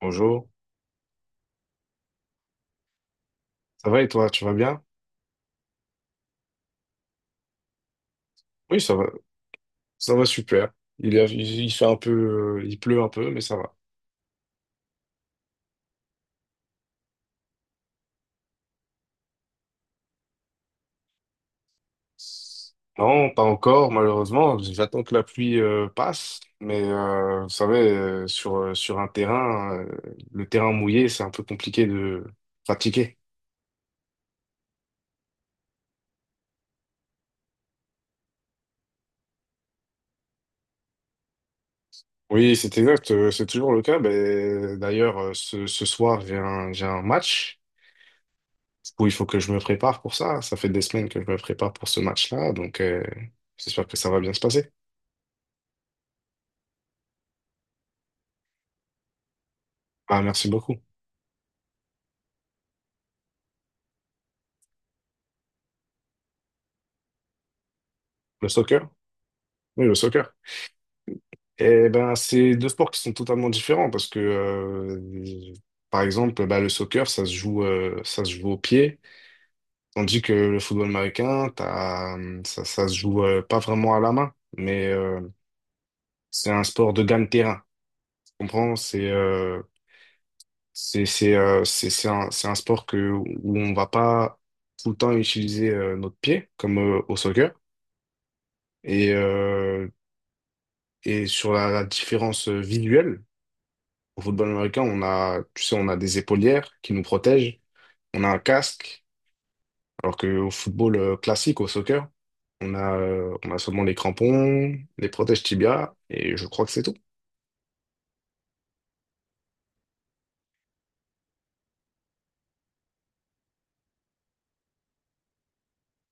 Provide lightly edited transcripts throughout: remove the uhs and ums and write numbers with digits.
Bonjour, ça va? Et toi, tu vas bien? Oui, ça va super. Il fait un peu, il pleut un peu, mais ça va. Non, pas encore, malheureusement. J'attends que la pluie passe, mais vous savez, sur un terrain, le terrain mouillé, c'est un peu compliqué de pratiquer. Oui, c'est exact, c'est toujours le cas. Ben, d'ailleurs, ce soir, j'ai un match. Du coup, il faut que je me prépare pour ça. Ça fait des semaines que je me prépare pour ce match-là, donc j'espère que ça va bien se passer. Ah, merci beaucoup. Le soccer? Oui, le soccer. Eh ben, c'est deux sports qui sont totalement différents parce que, par exemple, bah, le soccer, ça se joue au pied, tandis que le football américain, t'as, ça se joue pas vraiment à la main, mais c'est un sport de gagne-terrain. Tu comprends? C'est un sport que où on va pas tout le temps utiliser notre pied comme au soccer. Et sur la différence visuelle. Au football américain, on a, tu sais, on a des épaulières qui nous protègent, on a un casque, alors qu'au football classique, au soccer, on a seulement les crampons, les protèges tibias, et je crois que c'est tout.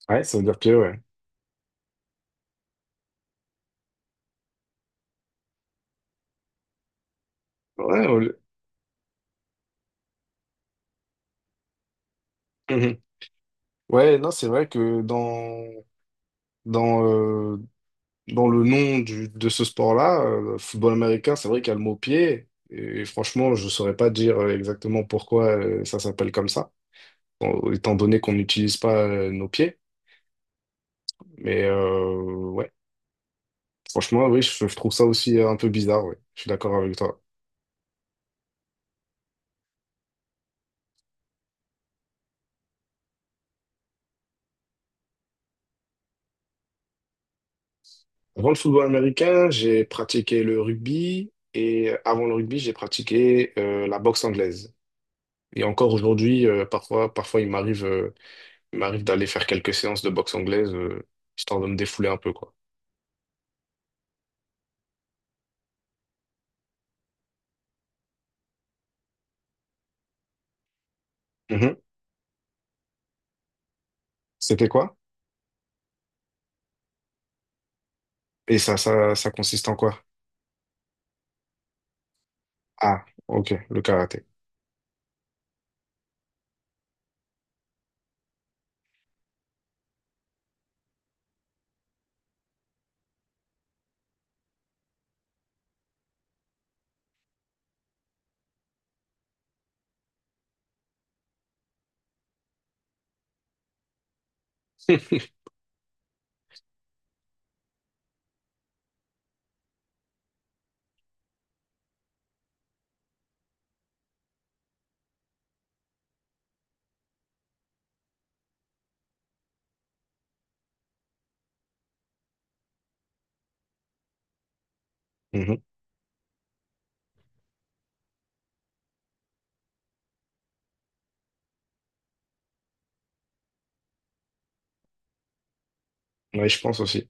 Ouais, ça veut dire pied, ouais. Ouais, au lieu- Mhm. Ouais, non, c'est vrai que dans, euh, dans le nom de ce sport-là, le football américain, c'est vrai qu'il y a le mot pied, et franchement, je saurais pas dire exactement pourquoi ça s'appelle comme ça, étant donné qu'on n'utilise pas nos pieds. Mais euh, ouais, Franchement, oui, je trouve ça aussi un peu bizarre, ouais. Je suis d'accord avec toi. Avant le football américain, j'ai pratiqué le rugby et avant le rugby, j'ai pratiqué la boxe anglaise. Et encore aujourd'hui, parfois, il m'arrive d'aller faire quelques séances de boxe anglaise, histoire de me défouler un peu, quoi. Mhm. C'était quoi? Ça consiste en quoi? Ah, ok, le karaté. Mhm. Ouais, je pense aussi.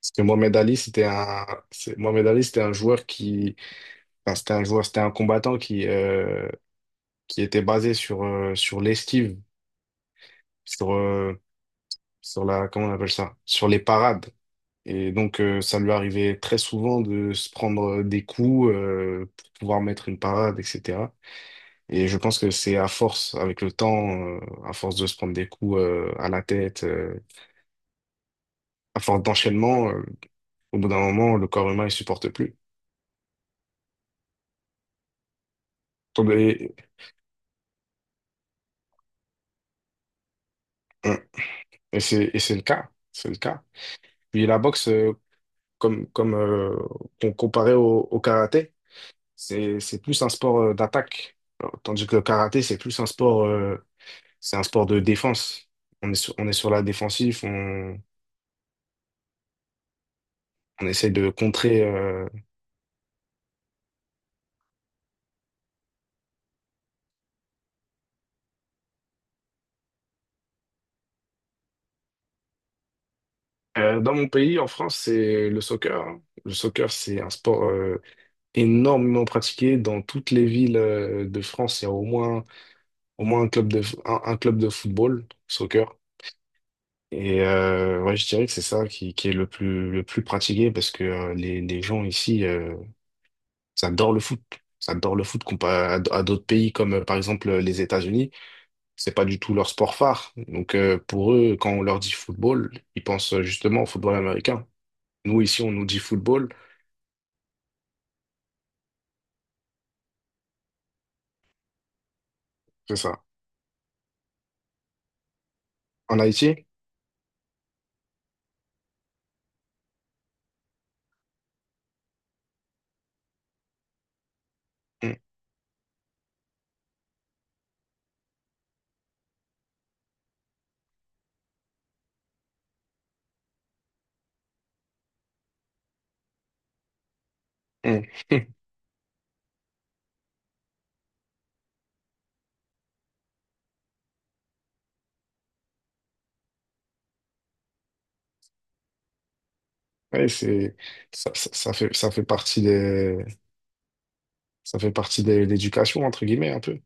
Parce que Mohamed Ali, c'était un, c'est- Mohamed Ali, c'était un joueur qui... Enfin, c'était un joueur, c'était un combattant qui était basé sur l'esquive, sur, euh, sur la, comment on appelle ça? Sur les parades. Et donc, ça lui arrivait très souvent de se prendre des coups, pour pouvoir mettre une parade, etc. Et je pense que c'est à force, avec le temps, à force de se prendre des coups, à la tête, à force d'enchaînement, au bout d'un moment, le corps humain, il supporte plus. Donc, Et, et c'est, et c'est le cas. C'est le cas. Puis la boxe, comme comparé au, au karaté, c'est plus un sport d'attaque, alors, tandis que le karaté, c'est plus un sport, c'est un sport de défense. On est sur la défensive, on essaie de contrer. Dans mon pays, en France, c'est le soccer, hein. Le soccer, c'est un sport énormément pratiqué dans toutes les villes de France. Il y a au moins, Au moins un un club de football, soccer. Et ouais, je dirais que c'est ça qui est le plus pratiqué parce que les gens ici, ça adore le foot. Ça adore le foot comparé à d'autres pays comme par exemple les États-Unis. C'est pas du tout leur sport phare. Donc pour eux, quand on leur dit football, ils pensent justement au football américain. Nous ici, on nous dit football. C'est ça. En Haïti, hum, hum, Ouais, c'est, ça fait partie des, ça fait partie de l'éducation, entre guillemets, un peu.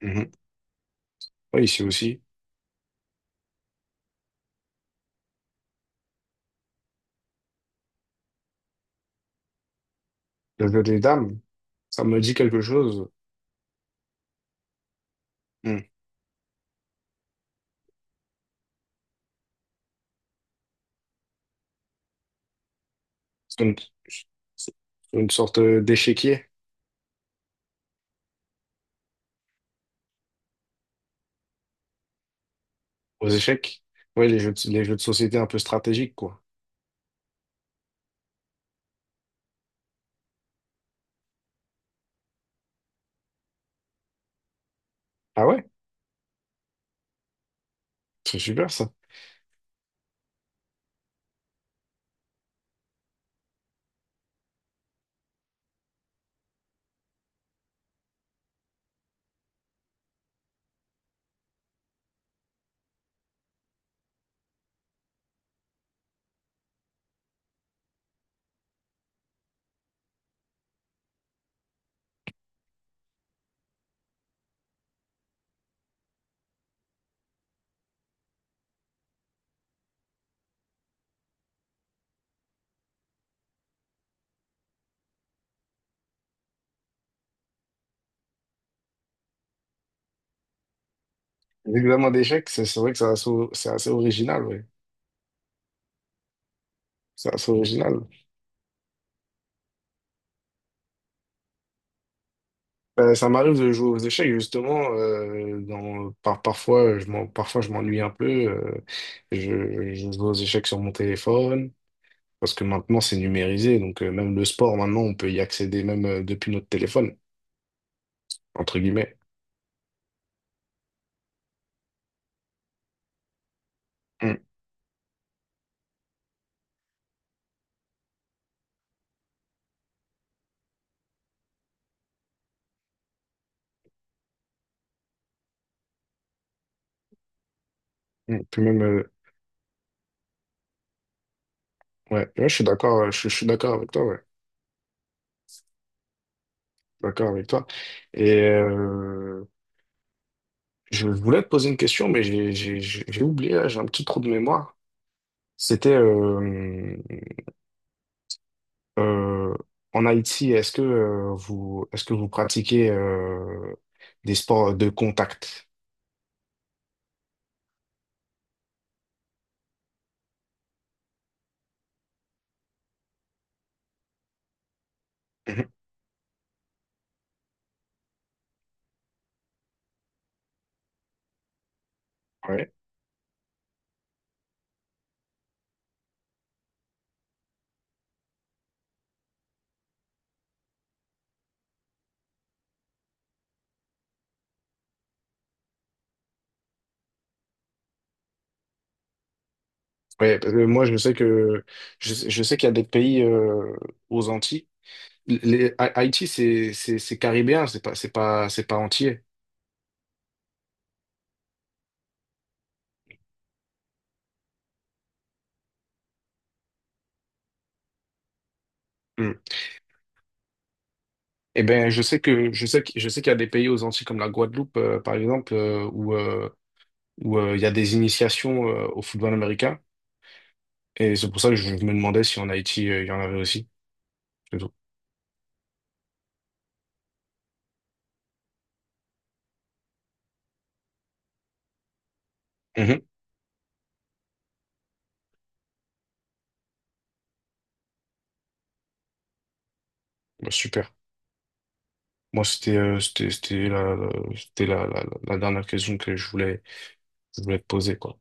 Mhm. Oui, ici aussi. Le jeu des dames, ça me dit quelque chose. Hmm. C'est une, c'est une sorte d'échiquier aux échecs. Ouais, les jeux de société un peu stratégiques, quoi. Ah ouais, c'est super ça. L'examen d'échecs, c'est vrai que c'est assez original, ouais. C'est assez original. Ça m'arrive de jouer aux échecs, justement. Dans, par, parfois, je m'en, Parfois, je m'ennuie un peu. Je joue aux échecs sur mon téléphone. Parce que maintenant, c'est numérisé. Donc, même le sport, maintenant, on peut y accéder même depuis notre téléphone, entre guillemets. Mm, mm. Puis même, ouais, je suis d'accord, je suis d'accord avec toi, ouais, d'accord avec toi. Et je voulais te poser une question, mais j'ai oublié, là, j'ai un petit trou de mémoire. C'était euh, En Haïti, est-ce que est-ce que vous pratiquez des sports de contact? Mhm. Ouais. Ouais, parce que moi je sais que je sais qu'il y a des pays aux Antilles. Haïti c'est c'est caribéen, c'est pas c'est pas c'est pas entier. Mm. Eh ben, je sais qu'il y a des pays aux Antilles comme la Guadeloupe, par exemple, où où il y a des initiations au football américain. Et c'est pour ça que je me demandais si en Haïti il y en avait aussi. C'est tout. Mhm. Bah, super. Moi, c'était la dernière question que je voulais te poser, quoi.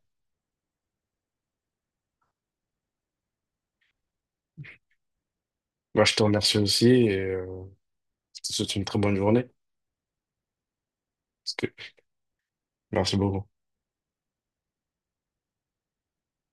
Bah, je te remercie aussi et je te souhaite une très bonne journée. Parce que... Merci beaucoup.